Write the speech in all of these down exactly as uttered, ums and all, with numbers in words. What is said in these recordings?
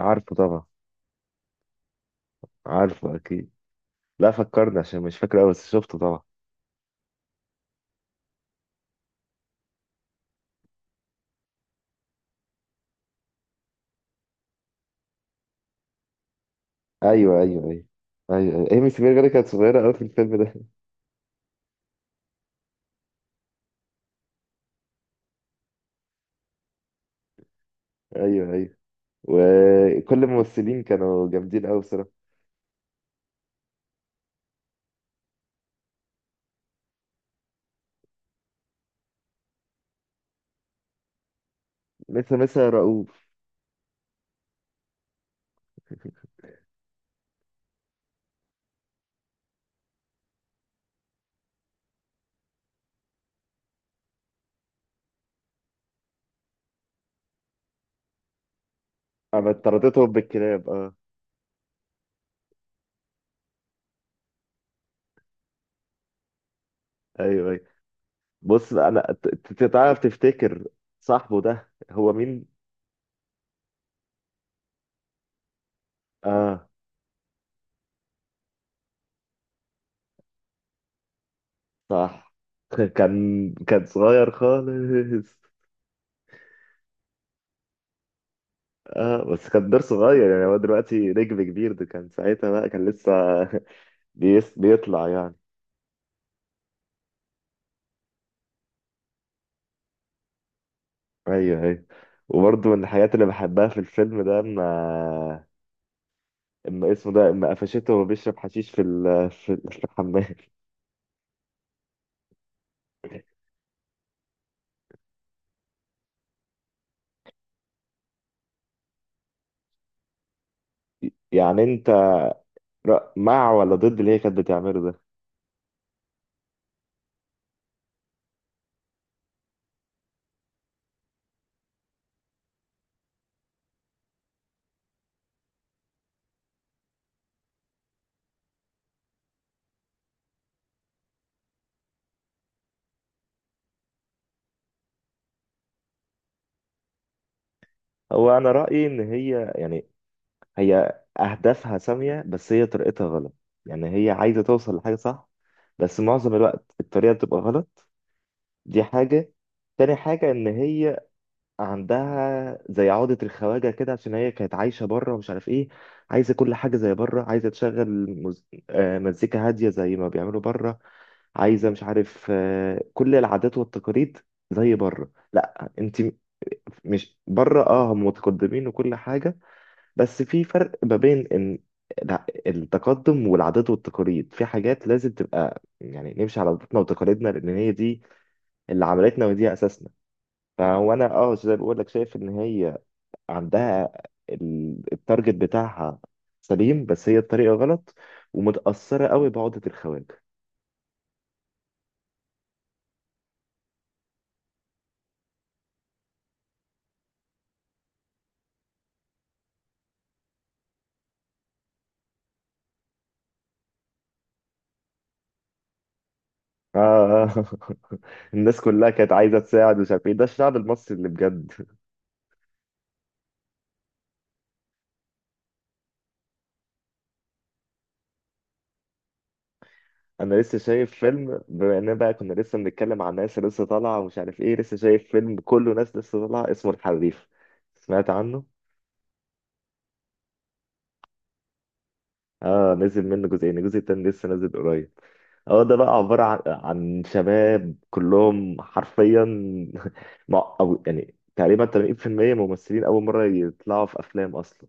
عارفه طبعا. عارفه اكيد. لا، فكرني عشان مش فاكر قوي بس شفته طبعا. ايوه، ايوه، ايوه. ايوه، ايوه، ايمي سمير غانم كانت صغيره قوي في الفيلم ده. ايوه، ايوه. وكل الممثلين كانوا جامدين قوي بصراحه. مثل مثل رؤوف. انا طردتهم بالكلاب، اه. ايوه، ايوه. بص بقى، انا ت- ت- تعرف تفتكر صاحبه ده هو مين؟ اه، صح. كان كان صغير خالص. اه، بس كان دور صغير، يعني هو دلوقتي نجم كبير، ده كان ساعتها بقى كان لسه بيس بيطلع يعني. ايوه، ايوه. وبرضه من الحاجات اللي بحبها في الفيلم ده اما اما اسمه ده، اما قفشته وهو بيشرب حشيش في ال... في في الحمام. يعني انت رأ... مع ولا ضد اللي هي كانت بتعمله ده؟ هو انا رأيي ان هي يعني هي اهدافها سامية بس هي طريقتها غلط. يعني هي عايزة توصل لحاجة صح بس معظم الوقت الطريقة بتبقى غلط. دي حاجة. تاني حاجة ان هي عندها زي عقدة الخواجة كده، عشان هي كانت عايشة بره ومش عارف ايه. عايزة كل حاجة زي بره، عايزة تشغل مز... آه، مزيكا هادية زي ما بيعملوا بره. عايزة مش عارف، آه، كل العادات والتقاليد زي بره. لا، انت م- مش بره، اه هم متقدمين وكل حاجة، بس في فرق ما بين ان الع- التقدم والعادات والتقاليد، في حاجات لازم تبقى، يعني نمشي على عاداتنا وتقاليدنا، لان هي دي اللي عملتنا ودي اساسنا. فهو انا اه زي ما بقول لك، شايف ان هي عندها ال- التارجت بتاعها سليم بس هي الطريقة غلط، ومتأثرة قوي بعقدة الخواجة. آه. الناس كلها كانت عايزة تساعد ومش عارف ايه، ده الشعب المصري اللي بجد. انا لسه شايف فيلم، بما اننا بقى كنا لسه بنتكلم عن ناس لسه طالعة ومش عارف ايه، لسه شايف فيلم كله ناس لسه طالعة اسمه الحريف. سمعت عنه؟ اه، نزل منه جزئين، الجزء التاني لسه نازل قريب. هو ده بقى عبارة عن عن شباب كلهم حرفيا. مع- أو يعني تقريبا ثمانين بالمية ممثلين أول مرة يطلعوا في أفلام أصلا.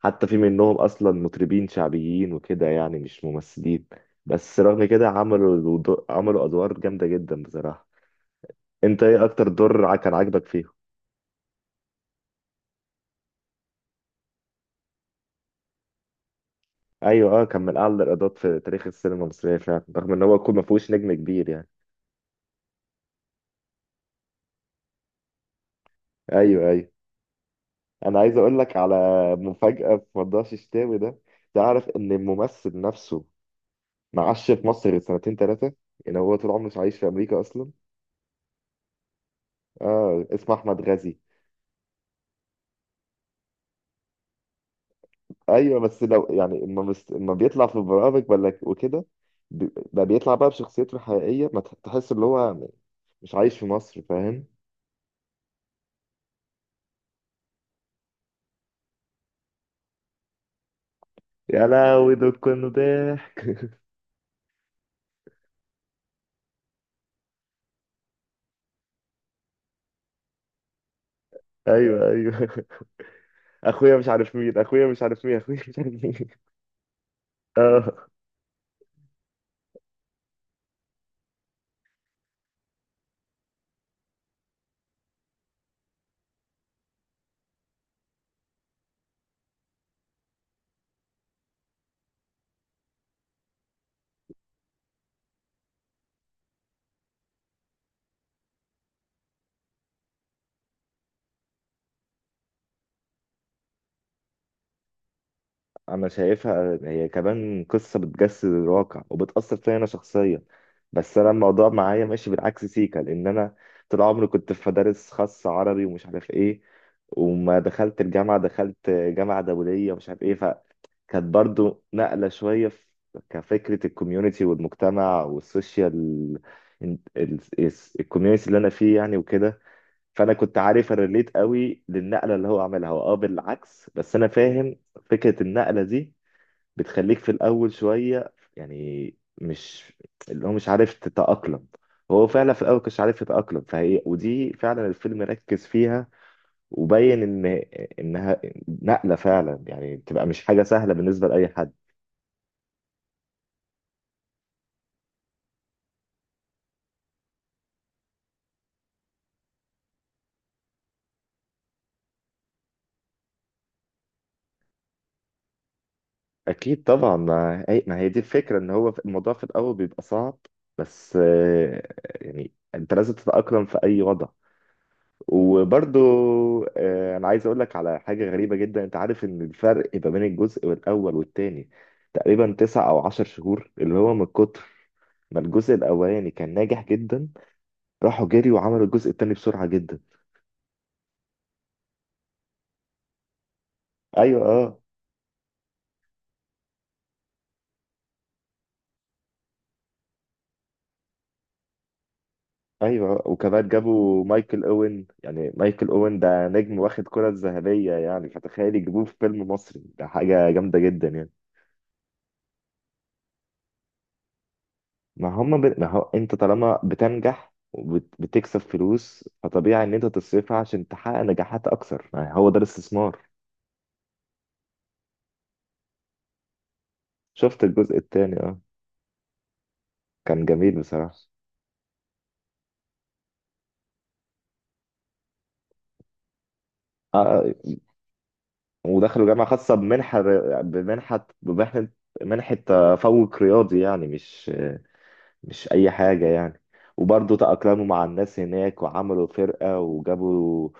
حتى في منهم أصلا مطربين شعبيين وكده، يعني مش ممثلين. بس رغم كده عملوا دو- عملوا أدوار جامدة جدا بصراحة. أنت إيه أكتر دور ع- كان عاجبك فيهم؟ أيوه، أه كان من أعلى الإيرادات في تاريخ السينما المصرية فعلا، رغم إن هو يكون ما فيهوش نجم كبير يعني. أيوه، أيوه. انا عايز اقول لك على مفاجأة في موضوع الشتاوي ده. تعرف ان الممثل نفسه معاش في مصر سنتين ثلاثة؟ يعني هو طول عمره مش عايش في امريكا اصلا. اه، اسمه احمد غازي. ايوه، بس لو يعني اما مس- اما بيطلع في برامج ولا وكده، بي- بقى بيطلع بقى بشخصيته الحقيقية، ما تح- تحس ان هو مش عايش في مصر، فاهم. يا لهوي، دول كانوا ضحك. ايوه، ايوه. اخويا مش عارف مين، اخويا مش عارف مين، اخويا مش عارف مين. اه. انا شايفها هي كمان قصه بتجسد الواقع وبتاثر فيا انا شخصيا، بس انا الموضوع معايا ماشي بالعكس سيكا، لان انا طول عمري كنت في مدارس خاصه عربي ومش عارف ايه، وما دخلت الجامعه دخلت جامعه دوليه ومش عارف ايه، فكانت برضو نقله شويه في كفكره الكوميونتي والمجتمع والسوشيال، الكوميونتي اللي انا فيه يعني وكده. فانا كنت عارف الريليت قوي للنقله اللي هو عملها هو، اه بالعكس بس انا فاهم فكره النقله دي. بتخليك في الأول شوية يعني مش اللي هو مش عارف تتأقلم. هو فعلا في الأول كانش عارف يتأقلم، فهي ودي فعلا الفيلم ركز فيها، وبين إن إنها نقلة فعلا، يعني بتبقى مش حاجة سهلة بالنسبة لأي حد. أكيد طبعا. ما هي, ما هي دي الفكرة، إن هو في- الموضوع في الأول بيبقى صعب. بس آه، يعني أنت لازم تتأقلم في أي وضع. وبرضو آه، انا عايز اقول لك على حاجه غريبه جدا. انت عارف ان الفرق ما بين الجزء الاول والتاني تقريبا تسع او عشر شهور؟ اللي هو من كتر ما الجزء الاولاني كان ناجح جدا، راحوا جري وعملوا الجزء التاني بسرعه جدا. ايوه، اه. ايوه، آه. وكمان جابوا مايكل اوين، يعني مايكل اوين ده نجم واخد كرة الذهبيه، يعني فتخيل يجيبوه في فيلم مصري، ده حاجه جامده جدا يعني. ما هم ب... ما هو انت طالما بتنجح وبتكسب فلوس، فطبيعي ان انت تصرفها عشان تحقق نجاحات اكثر، يعني هو ده الاستثمار. شفت الجزء الثاني، اه. كان جميل بصراحة. اه. ودخلوا جامعة خاصة بمنحة. بمنحة بمنحة منحة تفوق رياضي يعني، مش مش اي حاجه يعني. وبرضه تأقلموا مع الناس هناك وعملوا فرقه، وجابوا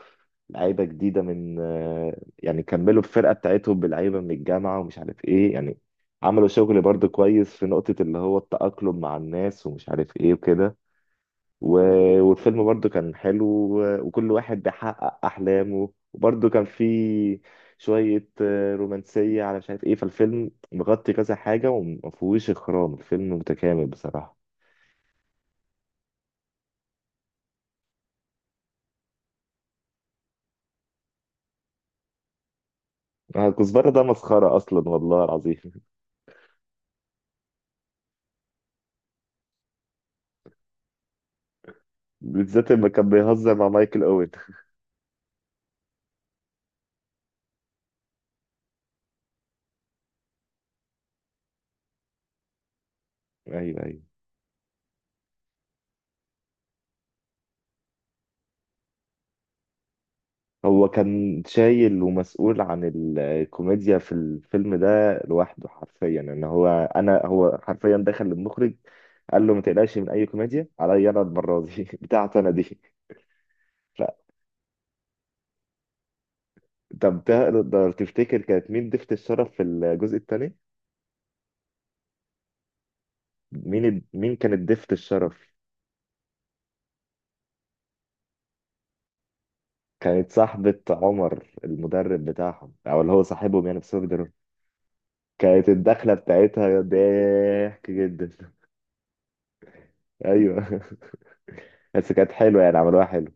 لعيبه جديده من آه، يعني كملوا الفرقه بتاعتهم بلعيبه من الجامعه ومش عارف ايه يعني. عملوا شغل برضه كويس في نقطه اللي هو التأقلم مع الناس ومش عارف ايه وكده. و- والفيلم برضه كان حلو و- وكل واحد بيحقق احلامه، وبرضه كان فيه شويه آه، رومانسيه على مش عارف ايه، فالفيلم مغطي كذا حاجه ومفهوش اخرام، الفيلم متكامل بصراحه. آه، كزبرة ده مسخرة أصلا والله العظيم. بالذات لما كان بيهزر مع مايكل أوين. أيوه، أيوه. هو كان شايل ومسؤول عن الكوميديا في الفيلم ده لوحده حرفيا. إن هو، أنا هو حرفيا دخل للمخرج قال له ما تقلقش من أي كوميديا، عليا أنا المرة دي بتاعتي أنا دي. لا. طب تقدر تفتكر كانت مين ضيفة الشرف في الجزء الثاني؟ مين مين كانت ضيفة الشرف؟ كانت صاحبة عمر المدرب بتاعهم، أو اللي هو صاحبهم يعني بس هو. كانت الدخلة بتاعتها ضحك جدا. ايوه. بس كانت حلوة يعني، عملوها حلو.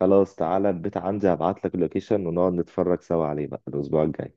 خلاص، تعالى البيت عندي هبعت لك اللوكيشن ونقعد نتفرج سوا عليه بقى الأسبوع الجاي.